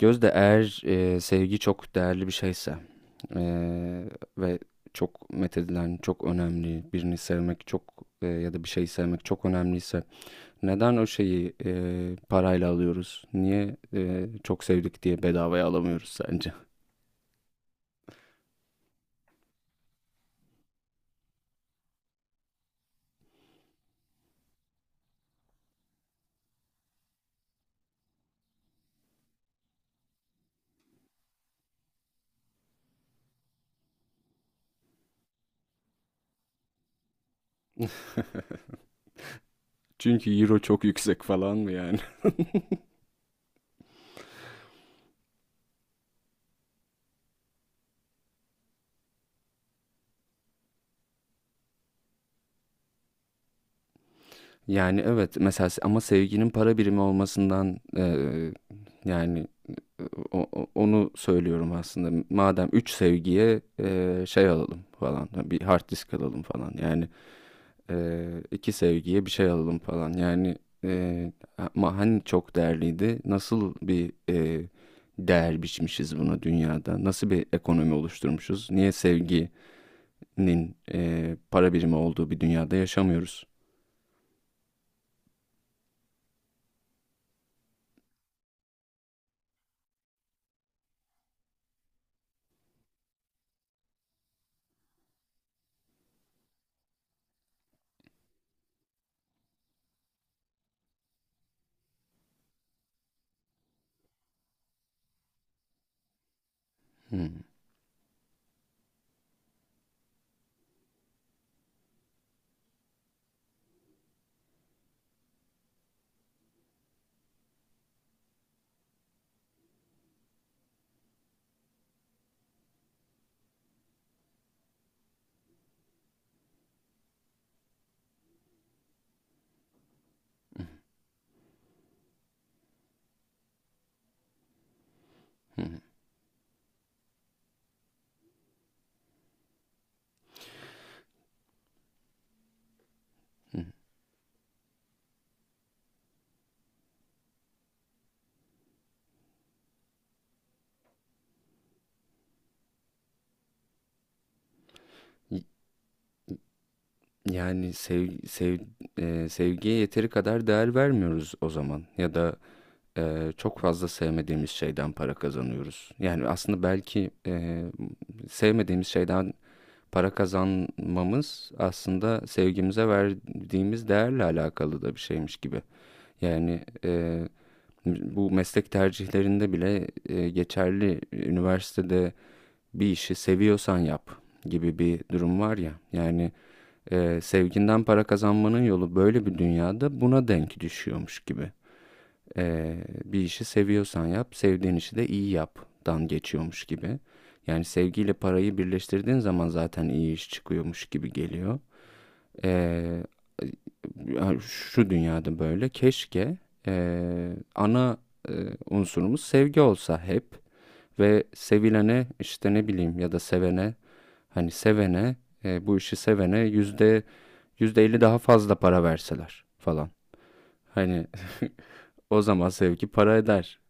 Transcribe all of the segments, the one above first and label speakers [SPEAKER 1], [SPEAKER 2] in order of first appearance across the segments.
[SPEAKER 1] Gözde, eğer sevgi çok değerli bir şeyse, e, ve çok methedilen, çok önemli, birini sevmek çok, ya da bir şeyi sevmek çok önemliyse, neden o şeyi parayla alıyoruz? Niye çok sevdik diye bedavaya alamıyoruz sence? Çünkü euro çok yüksek falan mı yani? Yani evet, mesela ama sevginin para birimi olmasından, yani, e, onu söylüyorum aslında. Madem 3 sevgiye şey alalım falan, bir hard disk alalım falan yani, iki sevgiye bir şey alalım falan yani, eee, ama hani çok değerliydi, nasıl bir değer biçmişiz buna, dünyada nasıl bir ekonomi oluşturmuşuz, niye sevginin para birimi olduğu bir dünyada yaşamıyoruz? Hmm, hmm, hmm. Yani sevgiye yeteri kadar değer vermiyoruz o zaman, ya da çok fazla sevmediğimiz şeyden para kazanıyoruz. Yani aslında belki sevmediğimiz şeyden para kazanmamız, aslında sevgimize verdiğimiz değerle alakalı da bir şeymiş gibi. Yani bu meslek tercihlerinde bile geçerli. Üniversitede, bir işi seviyorsan yap, gibi bir durum var ya. Yani sevginden para kazanmanın yolu böyle bir dünyada buna denk düşüyormuş gibi. Bir işi seviyorsan yap, sevdiğin işi de iyi yaptan geçiyormuş gibi. Yani sevgiyle parayı birleştirdiğin zaman zaten iyi iş çıkıyormuş gibi geliyor. Ee, Yani şu dünyada, böyle keşke ana e, unsurumuz sevgi olsa hep, ve sevilene, işte ne bileyim, ya da sevene, hani sevene, bu işi sevene yüzde %50 daha fazla para verseler falan. Hani, o zaman sevgi para eder.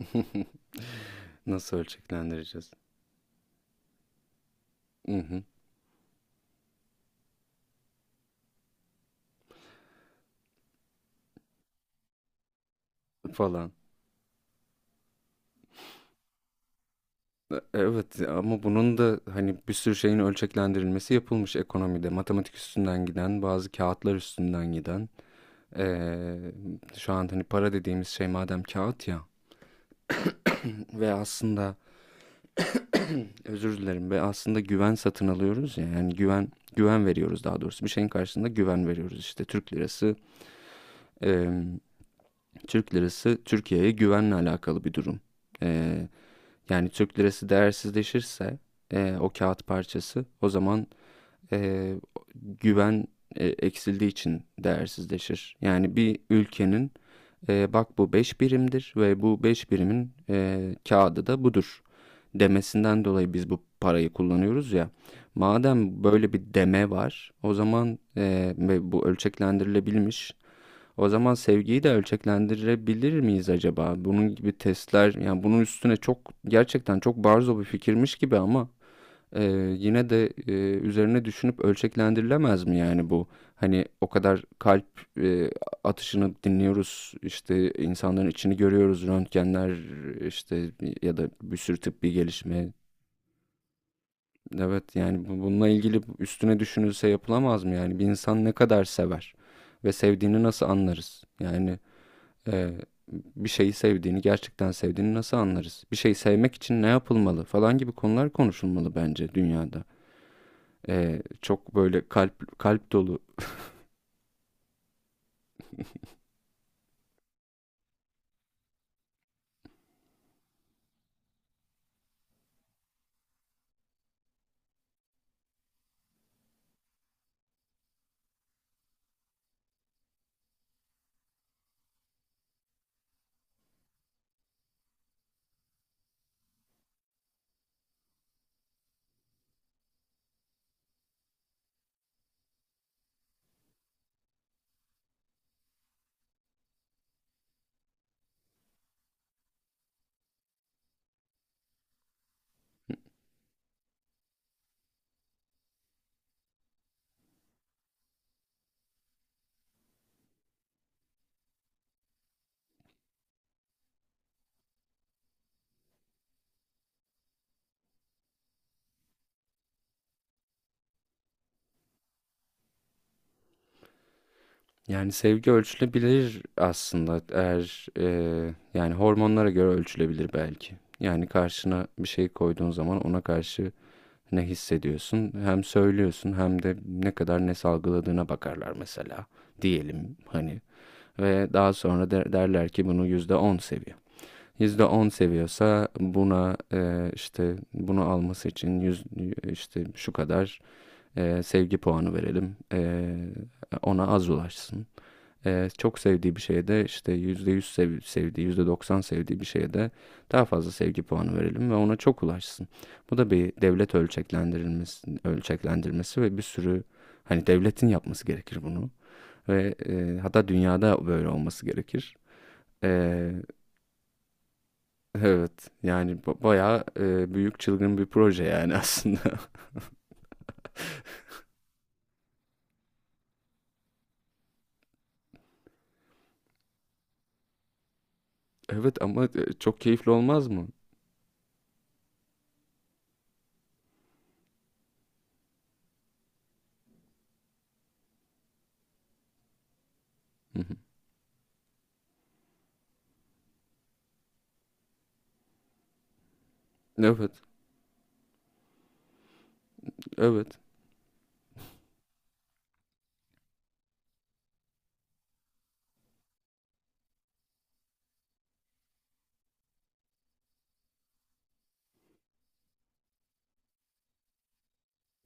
[SPEAKER 1] Nasıl ölçeklendireceğiz? falan. Evet, ama bunun da hani bir sürü şeyin ölçeklendirilmesi yapılmış ekonomide. Matematik üstünden giden, bazı kağıtlar üstünden giden. Ee, Şu an hani para dediğimiz şey, madem kağıt ya, ve aslında, özür dilerim, ve aslında güven satın alıyoruz ya, yani güven güven veriyoruz, daha doğrusu bir şeyin karşısında güven veriyoruz, işte Türk lirası, e, Türk lirası, Türkiye'ye güvenle alakalı bir durum. Ee, Yani Türk lirası değersizleşirse, o kağıt parçası, o zaman, e, güven eksildiği için değersizleşir. Yani bir ülkenin, bak bu 5 birimdir ve bu 5 birimin kağıdı da budur, demesinden dolayı biz bu parayı kullanıyoruz ya. Madem böyle bir deme var, o zaman, ve bu ölçeklendirilebilmiş, o zaman sevgiyi de ölçeklendirebilir miyiz acaba? Bunun gibi testler. Yani bunun üstüne, çok gerçekten çok barzo bir fikirmiş gibi ama, e, yine de üzerine düşünüp ölçeklendirilemez mi yani bu? Hani, o kadar kalp e, atışını dinliyoruz, işte insanların içini görüyoruz, röntgenler, işte, ya da bir sürü tıbbi gelişme. Evet, yani bununla ilgili üstüne düşünülse yapılamaz mı yani? Bir insan ne kadar sever ve sevdiğini nasıl anlarız? Yani ee, bir şeyi sevdiğini, gerçekten sevdiğini nasıl anlarız? Bir şeyi sevmek için ne yapılmalı, falan gibi konular konuşulmalı bence dünyada. Çok böyle kalp kalp dolu. Yani sevgi ölçülebilir aslında, eğer yani hormonlara göre ölçülebilir belki. Yani karşına bir şey koyduğun zaman, ona karşı ne hissediyorsun hem söylüyorsun, hem de ne kadar ne salgıladığına bakarlar, mesela, diyelim hani, ve daha sonra derler ki bunu yüzde on seviyor. %10 seviyorsa buna, işte bunu alması için yüz, işte şu kadar sevgi puanı verelim. Ona az ulaşsın. Çok sevdiği bir şeye de, işte %100 sevdiği, %90 sevdiği bir şeye de daha fazla sevgi puanı verelim ve ona çok ulaşsın. Bu da bir devlet ölçeklendirilmesi, ölçeklendirmesi, ve bir sürü, hani, devletin yapması gerekir bunu, ve hatta dünyada böyle olması gerekir. E, Evet yani, bayağı büyük çılgın bir proje yani, aslında. Evet ama çok keyifli olmaz mı? Hı hı. Evet, evet.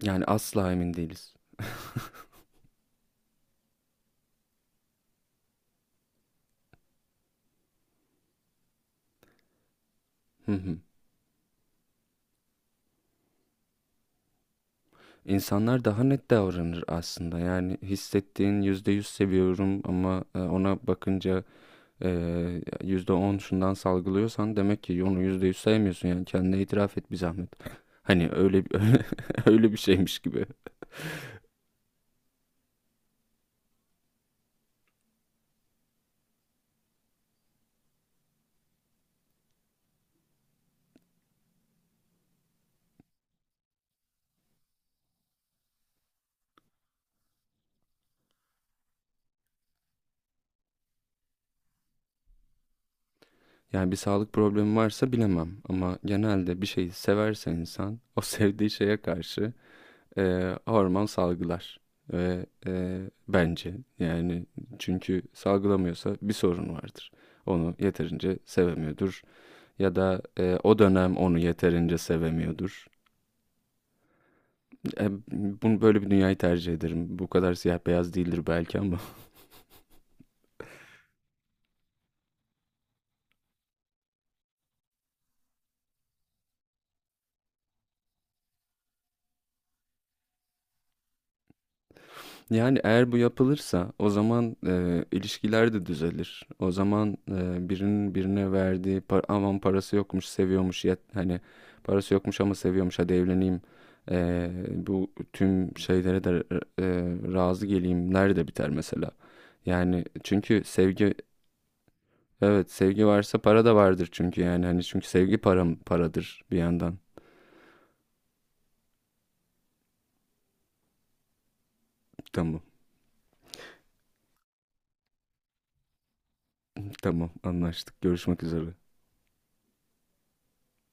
[SPEAKER 1] Yani asla emin değiliz. Hı hı. İnsanlar daha net davranır aslında. Yani hissettiğin yüzde yüz seviyorum, ama ona bakınca, e, yüzde on şundan salgılıyorsan, demek ki onu yüzde yüz sevmiyorsun. Yani kendine itiraf et bir zahmet. Hani öyle, öyle bir şeymiş gibi. Yani bir sağlık problemi varsa bilemem, ama genelde bir şeyi severse insan o, sevdiği şeye karşı hormon salgılar ve, bence yani, çünkü salgılamıyorsa bir sorun vardır. Onu yeterince sevemiyordur, ya da o dönem onu yeterince sevemiyordur. E, bunu böyle, bir dünyayı tercih ederim. Bu kadar siyah beyaz değildir belki ama. Yani eğer bu yapılırsa, o zaman ilişkiler de düzelir. O zaman birinin birine verdiği, par aman, parası yokmuş seviyormuş, yet hani parası yokmuş ama seviyormuş, hadi evleneyim. E, bu tüm şeylere de e, razı geleyimler de biter mesela. Yani çünkü sevgi, evet, sevgi varsa para da vardır çünkü, yani hani, çünkü sevgi param paradır bir yandan. Tamam, tamam, anlaştık, görüşmek üzere.